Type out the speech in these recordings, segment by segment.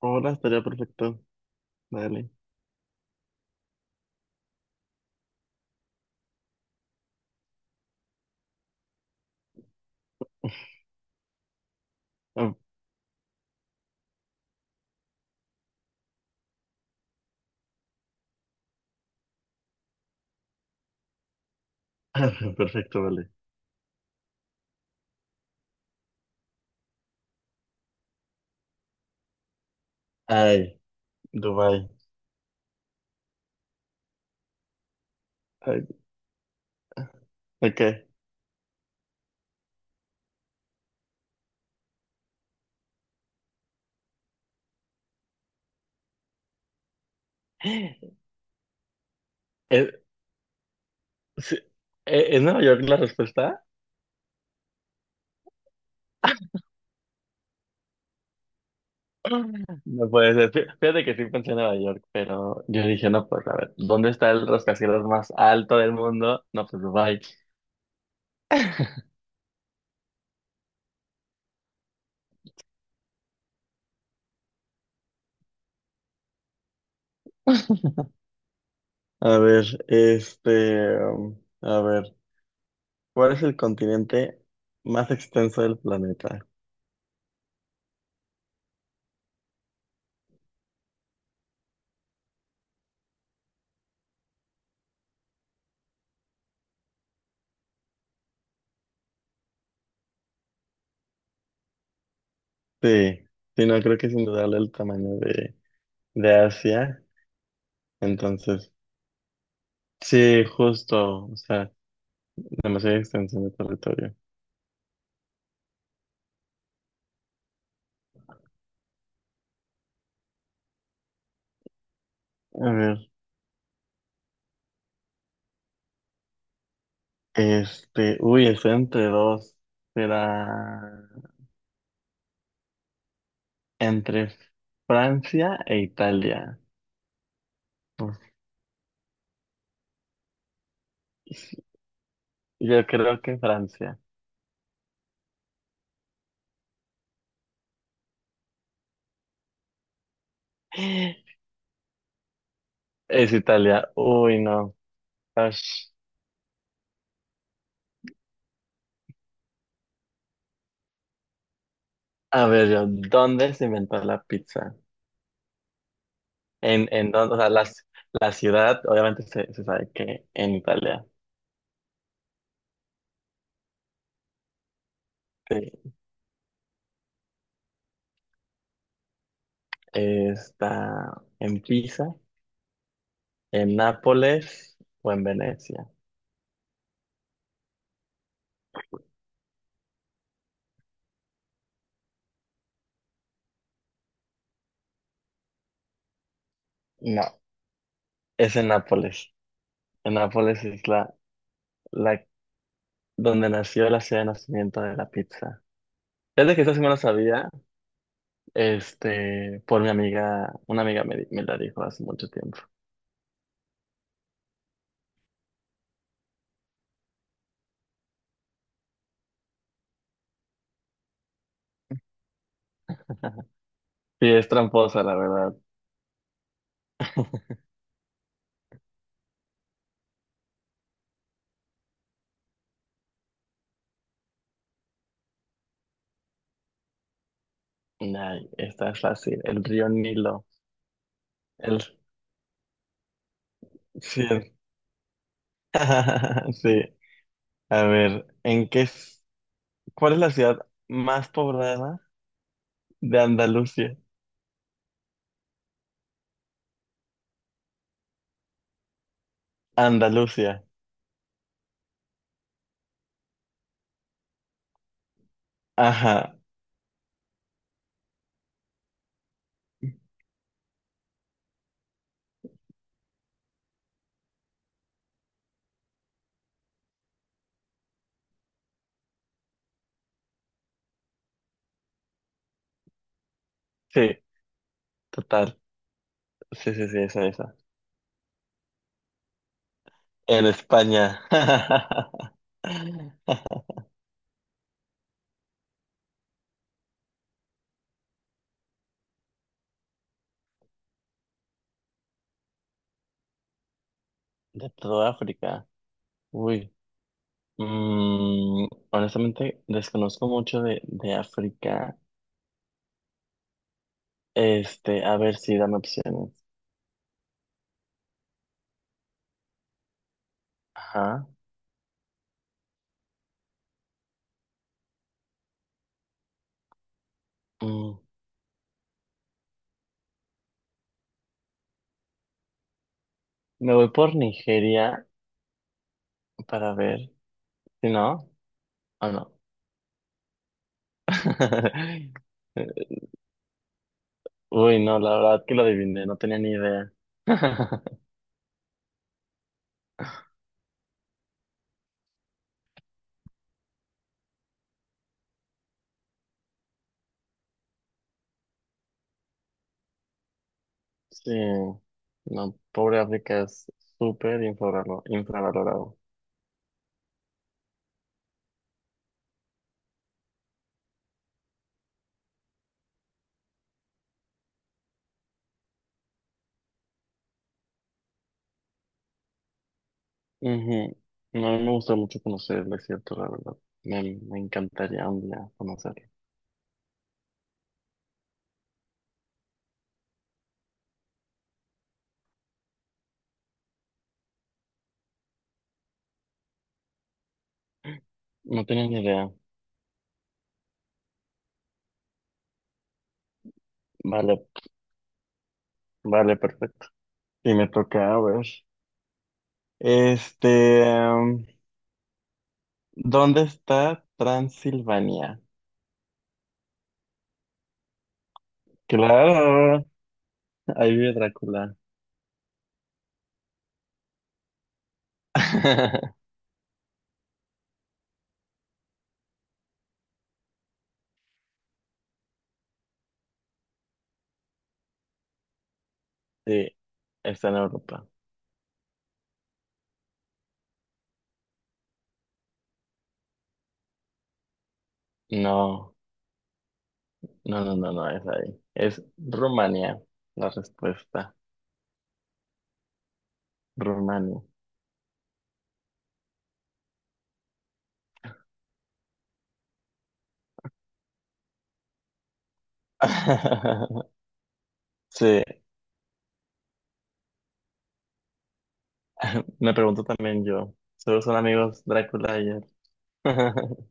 Hola, estaría perfecto. Dale. Ah, perfecto, vale. Ay, Dubái. Ay, ok. ¿Es, sí, ¿Es Nueva York la respuesta? No puede ser. Fíjate que sí pensé en Nueva York, pero yo dije, no, pues a ver, ¿dónde está el rascacielos más alto del mundo? No, pues Dubái. A ver, a ver, ¿cuál es el continente más extenso del planeta? Sí, sí, no, creo que sin dudarlo el tamaño de Asia. Entonces, sí, justo, o sea, demasiada extensión de territorio. A ver, este, uy, estoy entre dos. Será entre Francia e Italia. Pues, yo creo que Francia. Es Italia. Uy, no. Ash. A ver, yo, ¿dónde se inventó la pizza? En dónde, o sea, la ciudad, obviamente se sabe que en Italia. Sí. Está en Pisa. ¿En Nápoles o en Venecia? No, es en Nápoles. En Nápoles es la donde nació la ciudad de nacimiento de la pizza. Desde que eso sí me lo sabía, este, por mi amiga, una amiga me la dijo hace mucho tiempo. Sí, es tramposa, la verdad. Ay, esta es fácil. El río Nilo. El, sí. Sí. A ver, ¿cuál es la ciudad más poblada de Andalucía? Andalucía. Ajá. Sí. Total, sí, sí, sí, esa. En España. De toda África. Uy. Mm, honestamente, desconozco mucho de África. Este, a ver si dame opciones. Ajá. Mm, me voy por Nigeria para ver si no o no. Uy, no, la verdad que lo adiviné, no tenía ni idea. Sí, no, pobre África es infravalorado. Ujú. No, a mí me gusta mucho conocer el desierto, la verdad. Me, me encantaría un día conocerlo. No tenía ni idea. Vale, vale, perfecto. Y me toca, a ver. Este, em, ¿Dónde está Transilvania? Claro, ahí vive Drácula. Sí, está en Europa. No, no, es ahí. Es Rumania, la respuesta. Rumania. Sí. Me pregunto también yo. Solo son amigos Drácula y él.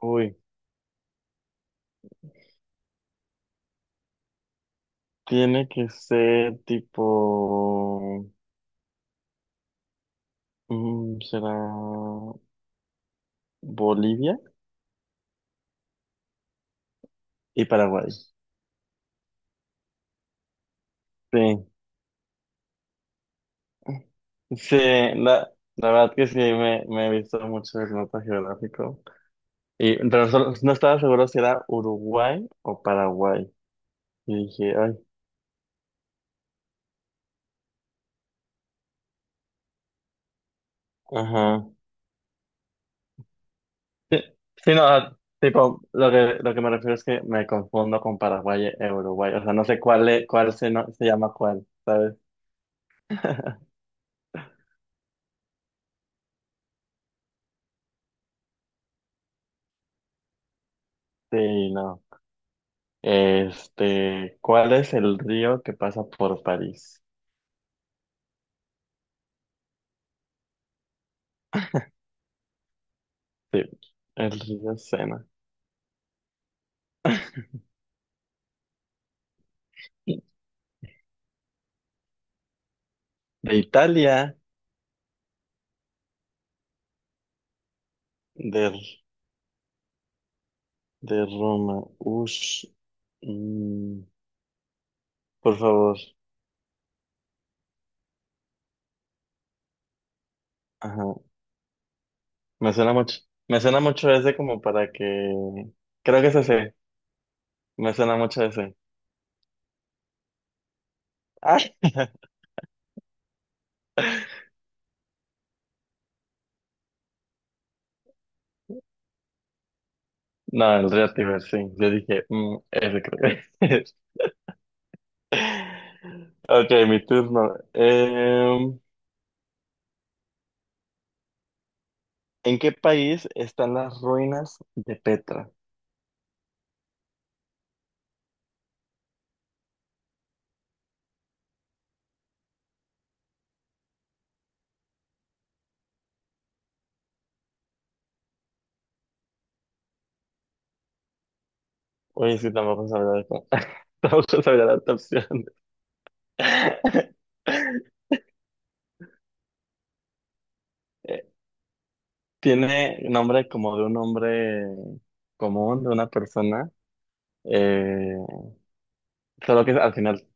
Uy, tiene que ser tipo... mm, ¿será Bolivia y Paraguay? Sí, sí, la verdad que sí, me he visto mucho el mapa geográfico. Y, pero no estaba seguro si era Uruguay o Paraguay. Y dije, ay, ajá. Sí, no, o sea, tipo, lo que me refiero es que me confundo con Paraguay e Uruguay. O sea, no sé cuál, es- cuál se, no- se llama cuál, ¿sabes? Sí, no. Este, ¿cuál es el río que pasa por París? Sí, el río Sena. De Italia, de, de Roma. Ush. Mm, por favor. Ajá. Me suena mucho. Me suena mucho ese como para que. Creo que es ese. Me suena mucho ese. Ah. No, el Reactiver, sí. Yo dije, mm, ese creo que es. Ok, mi turno. ¿En qué país están las ruinas de Petra? Oye, sí, tampoco sabía esto. Tampoco sabía la otra opción. Eh, tiene nombre como de un hombre común, de una persona. Eh, solo que al final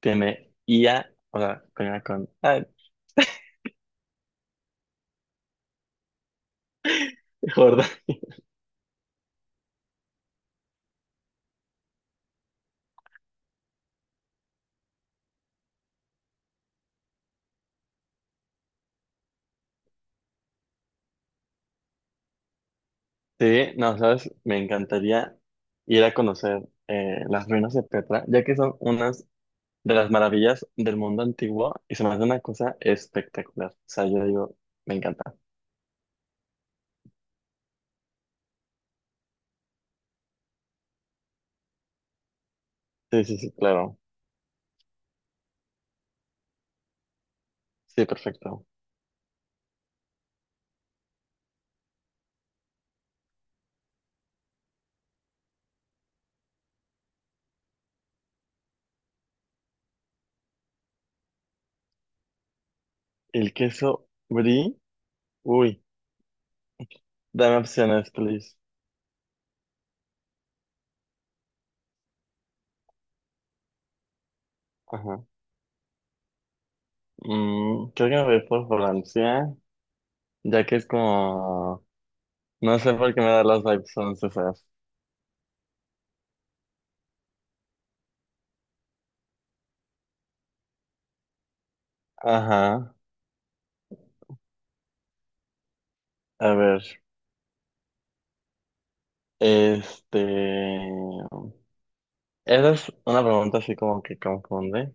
tiene IA, o sea, termina con... Ay, gorda. Sí, no, sabes, me encantaría ir a conocer las ruinas de Petra, ya que son unas de las maravillas del mundo antiguo y se me hace una cosa espectacular. O sea, yo digo, me encanta. Sí, sí, sí, claro. Sí, perfecto. El queso brie, uy, dame opciones, please. Ajá. Mm, creo que me voy por Francia, ya que es como, no sé por qué me da las vibes francesas. Ajá. A ver, este. Esa es una pregunta así como que confunde.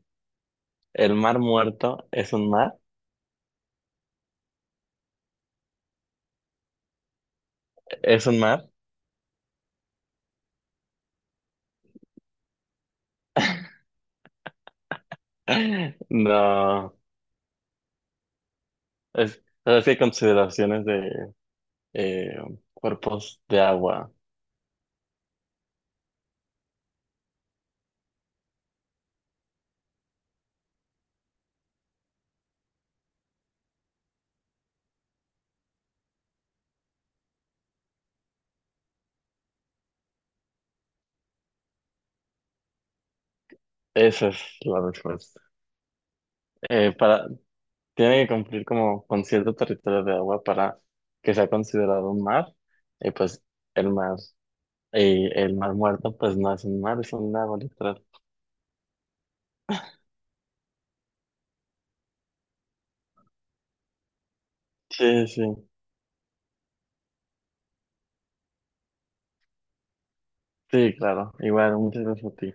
¿El mar muerto es un mar? ¿Es un mar? No. Es, pero es que hay consideraciones de eh, cuerpos de agua. Esa es la respuesta. Para, tiene que cumplir como con cierto territorio de agua para que sea considerado un mar. Y pues el mar, y el mar muerto pues no es un mar, es un lago literal. Sí, sí. Sí, claro. Igual, muchas gracias a ti.